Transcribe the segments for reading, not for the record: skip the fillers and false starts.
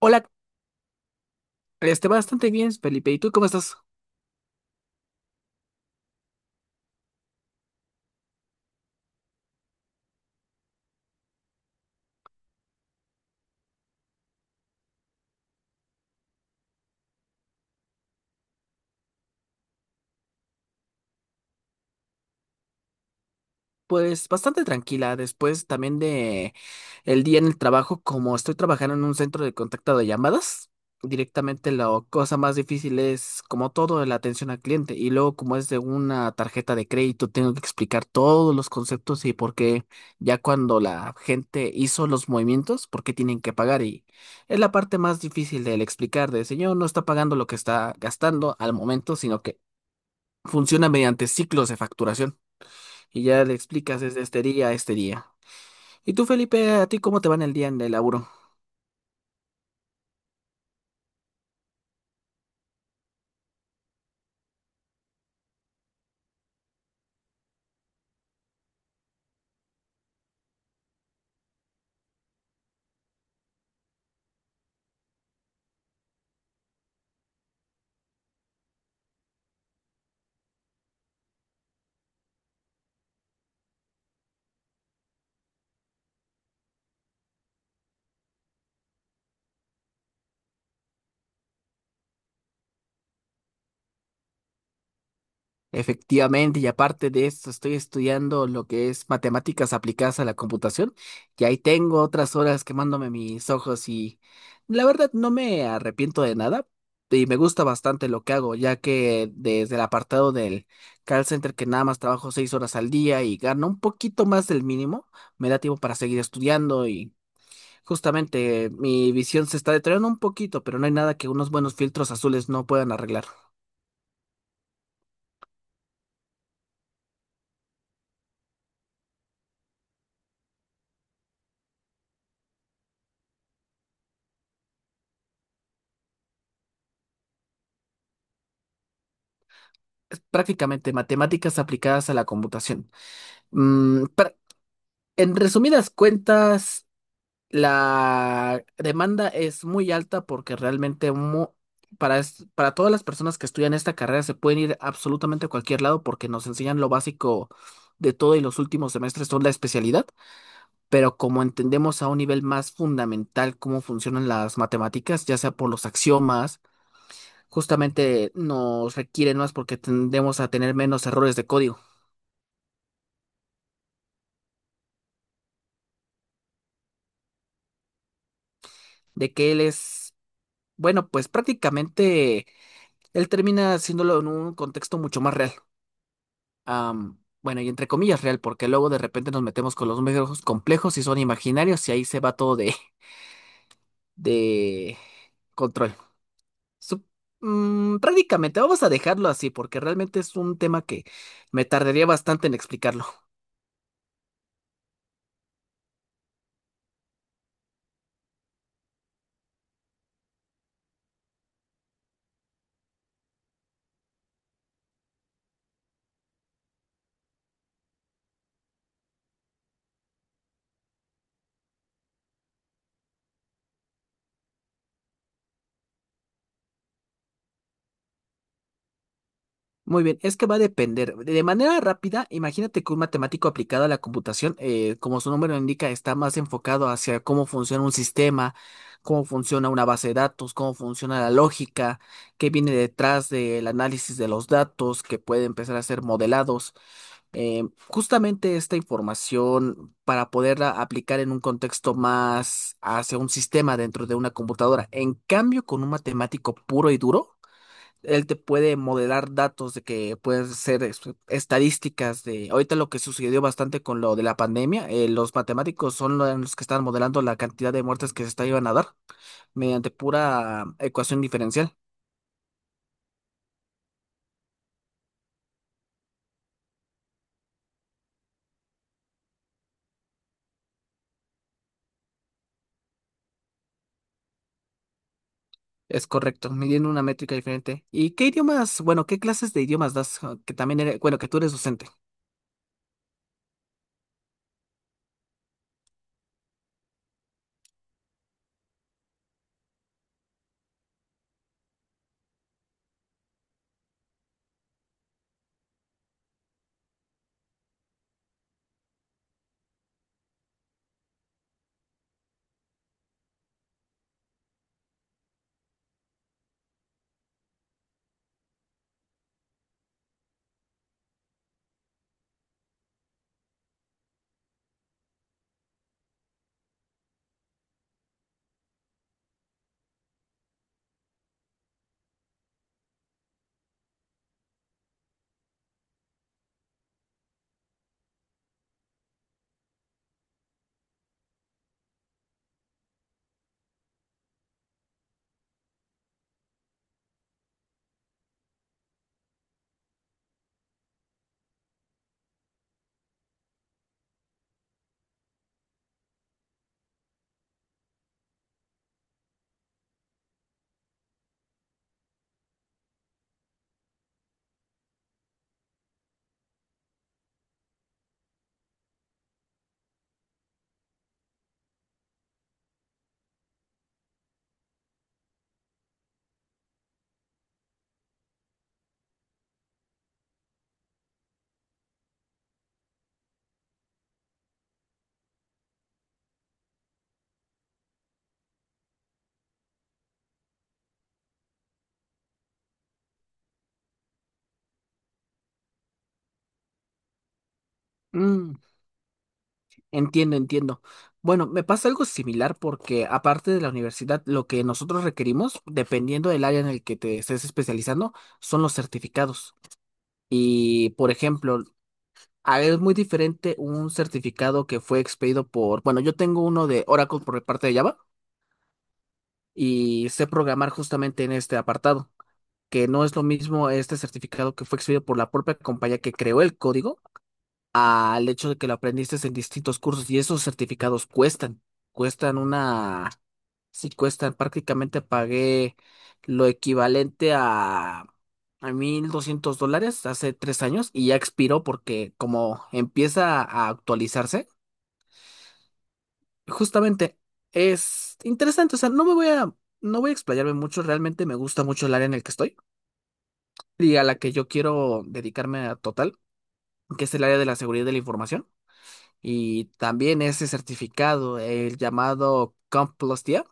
Hola, esté bastante bien, Felipe. ¿Y tú cómo estás? Pues bastante tranquila después también de el día en el trabajo, como estoy trabajando en un centro de contacto de llamadas. Directamente, la cosa más difícil es como todo la atención al cliente, y luego, como es de una tarjeta de crédito, tengo que explicar todos los conceptos y por qué, ya cuando la gente hizo los movimientos, por qué tienen que pagar. Y es la parte más difícil del explicar de señor, no está pagando lo que está gastando al momento, sino que funciona mediante ciclos de facturación, y ya le explicas desde este día a este día. ¿Y tú, Felipe, a ti cómo te va en el día en el laburo? Efectivamente, y aparte de esto, estoy estudiando lo que es matemáticas aplicadas a la computación, y ahí tengo otras horas quemándome mis ojos. Y la verdad no me arrepiento de nada, y me gusta bastante lo que hago, ya que desde el apartado del call center, que nada más trabajo 6 horas al día y gano un poquito más del mínimo, me da tiempo para seguir estudiando. Y justamente, mi visión se está deteriorando un poquito, pero no hay nada que unos buenos filtros azules no puedan arreglar. Es prácticamente matemáticas aplicadas a la computación. Mm, pra- en resumidas cuentas, la demanda es muy alta porque realmente para todas las personas que estudian esta carrera, se pueden ir absolutamente a cualquier lado porque nos enseñan lo básico de todo, y los últimos semestres son la especialidad. Pero como entendemos a un nivel más fundamental cómo funcionan las matemáticas, ya sea por los axiomas, justamente nos requieren más porque tendemos a tener menos errores de código. De que él es, bueno, pues prácticamente él termina haciéndolo en un contexto mucho más real. Bueno, y entre comillas real, porque luego de repente nos metemos con los medios complejos y son imaginarios, y ahí se va todo de, de control. Sup- Prácticamente, vamos a dejarlo así porque realmente es un tema que me tardaría bastante en explicarlo. Muy bien, es que va a depender. De manera rápida, imagínate que un matemático aplicado a la computación, como su nombre lo indica, está más enfocado hacia cómo funciona un sistema, cómo funciona una base de datos, cómo funciona la lógica, qué viene detrás del análisis de los datos que puede empezar a ser modelados. Justamente esta información para poderla aplicar en un contexto más hacia un sistema dentro de una computadora. En cambio, con un matemático puro y duro, él te puede modelar datos de que pueden ser estadísticas. De ahorita lo que sucedió bastante con lo de la pandemia, los matemáticos son los que están modelando la cantidad de muertes que se está iban a dar mediante pura ecuación diferencial. Es correcto, midiendo una métrica diferente. ¿Y qué idiomas, bueno, qué clases de idiomas das? Ah, que también eres, bueno, que tú eres docente. Mm, entiendo, entiendo. Bueno, me pasa algo similar porque aparte de la universidad, lo que nosotros requerimos, dependiendo del área en el que te estés especializando, son los certificados. Y por ejemplo, es muy diferente un certificado que fue expedido por, bueno, yo tengo uno de Oracle por parte de Java, y sé programar justamente en este apartado. Que no es lo mismo este certificado que fue exhibido por la propia compañía que creó el código, al hecho de que lo aprendiste en distintos cursos. Y esos certificados cuestan, cuestan una, sí cuestan, prácticamente pagué lo equivalente a, 1.200 dólares hace 3 años, y ya expiró porque como empieza a actualizarse, justamente es interesante. O sea, no voy a explayarme mucho, realmente me gusta mucho el área en el que estoy, y a la que yo quiero dedicarme a total, que es el área de la seguridad de la información. Y también ese certificado, el llamado CompTIA,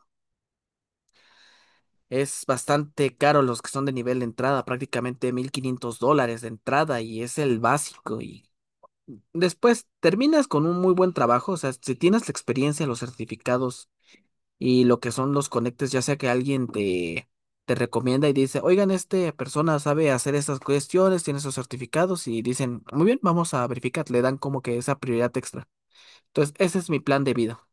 es bastante caro los que son de nivel de entrada, prácticamente 1.500 dólares de entrada, y es el básico. Y después terminas con un muy buen trabajo. O sea, si tienes la experiencia, los certificados y lo que son los conectes, ya sea que alguien te recomienda y dice, oigan, esta persona sabe hacer estas cuestiones, tiene esos certificados, y dicen, muy bien, vamos a verificar, le dan como que esa prioridad extra. Entonces, ese es mi plan de vida.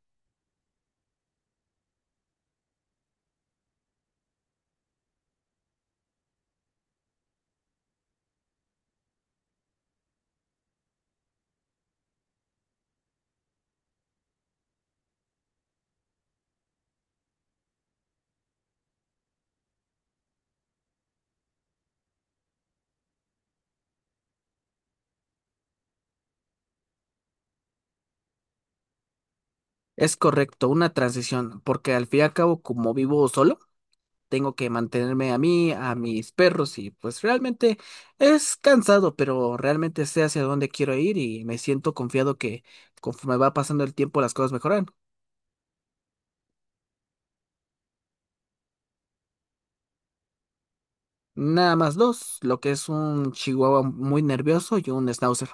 Es correcto, una transición, porque al fin y al cabo, como vivo solo, tengo que mantenerme a mí, a mis perros, y pues realmente es cansado, pero realmente sé hacia dónde quiero ir, y me siento confiado que conforme va pasando el tiempo las cosas mejoran. Nada más dos, lo que es un chihuahua muy nervioso y un schnauzer.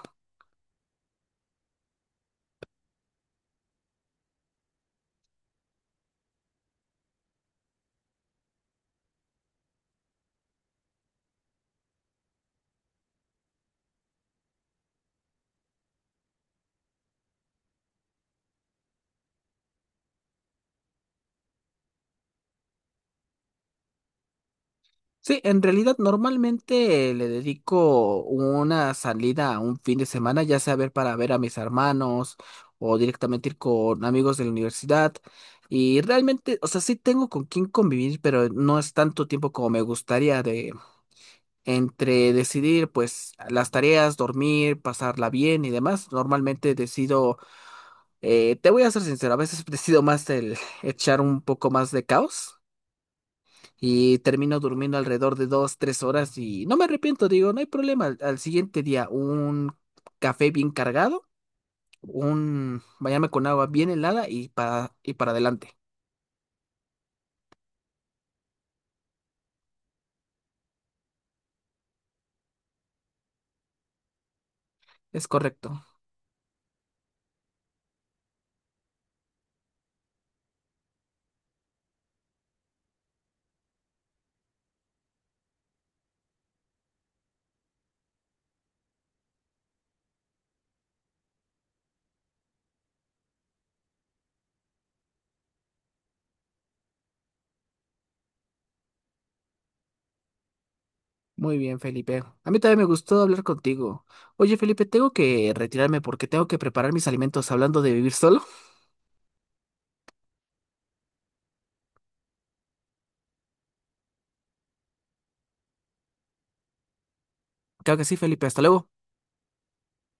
Sí, en realidad normalmente le dedico una salida a un fin de semana, ya sea ver para ver a mis hermanos o directamente ir con amigos de la universidad. Y realmente, o sea, sí tengo con quién convivir, pero no es tanto tiempo como me gustaría, de entre decidir pues las tareas, dormir, pasarla bien y demás. Normalmente decido... Te voy a ser sincero, a veces decido más el echar un poco más de caos, y termino durmiendo alrededor de 2, 3 horas, y no me arrepiento, digo, no hay problema. Al siguiente día, un café bien cargado, un bañarme con agua bien helada, y para, adelante. Es correcto. Muy bien, Felipe. A mí también me gustó hablar contigo. Oye, Felipe, tengo que retirarme porque tengo que preparar mis alimentos, hablando de vivir solo. Claro que sí, Felipe, hasta luego.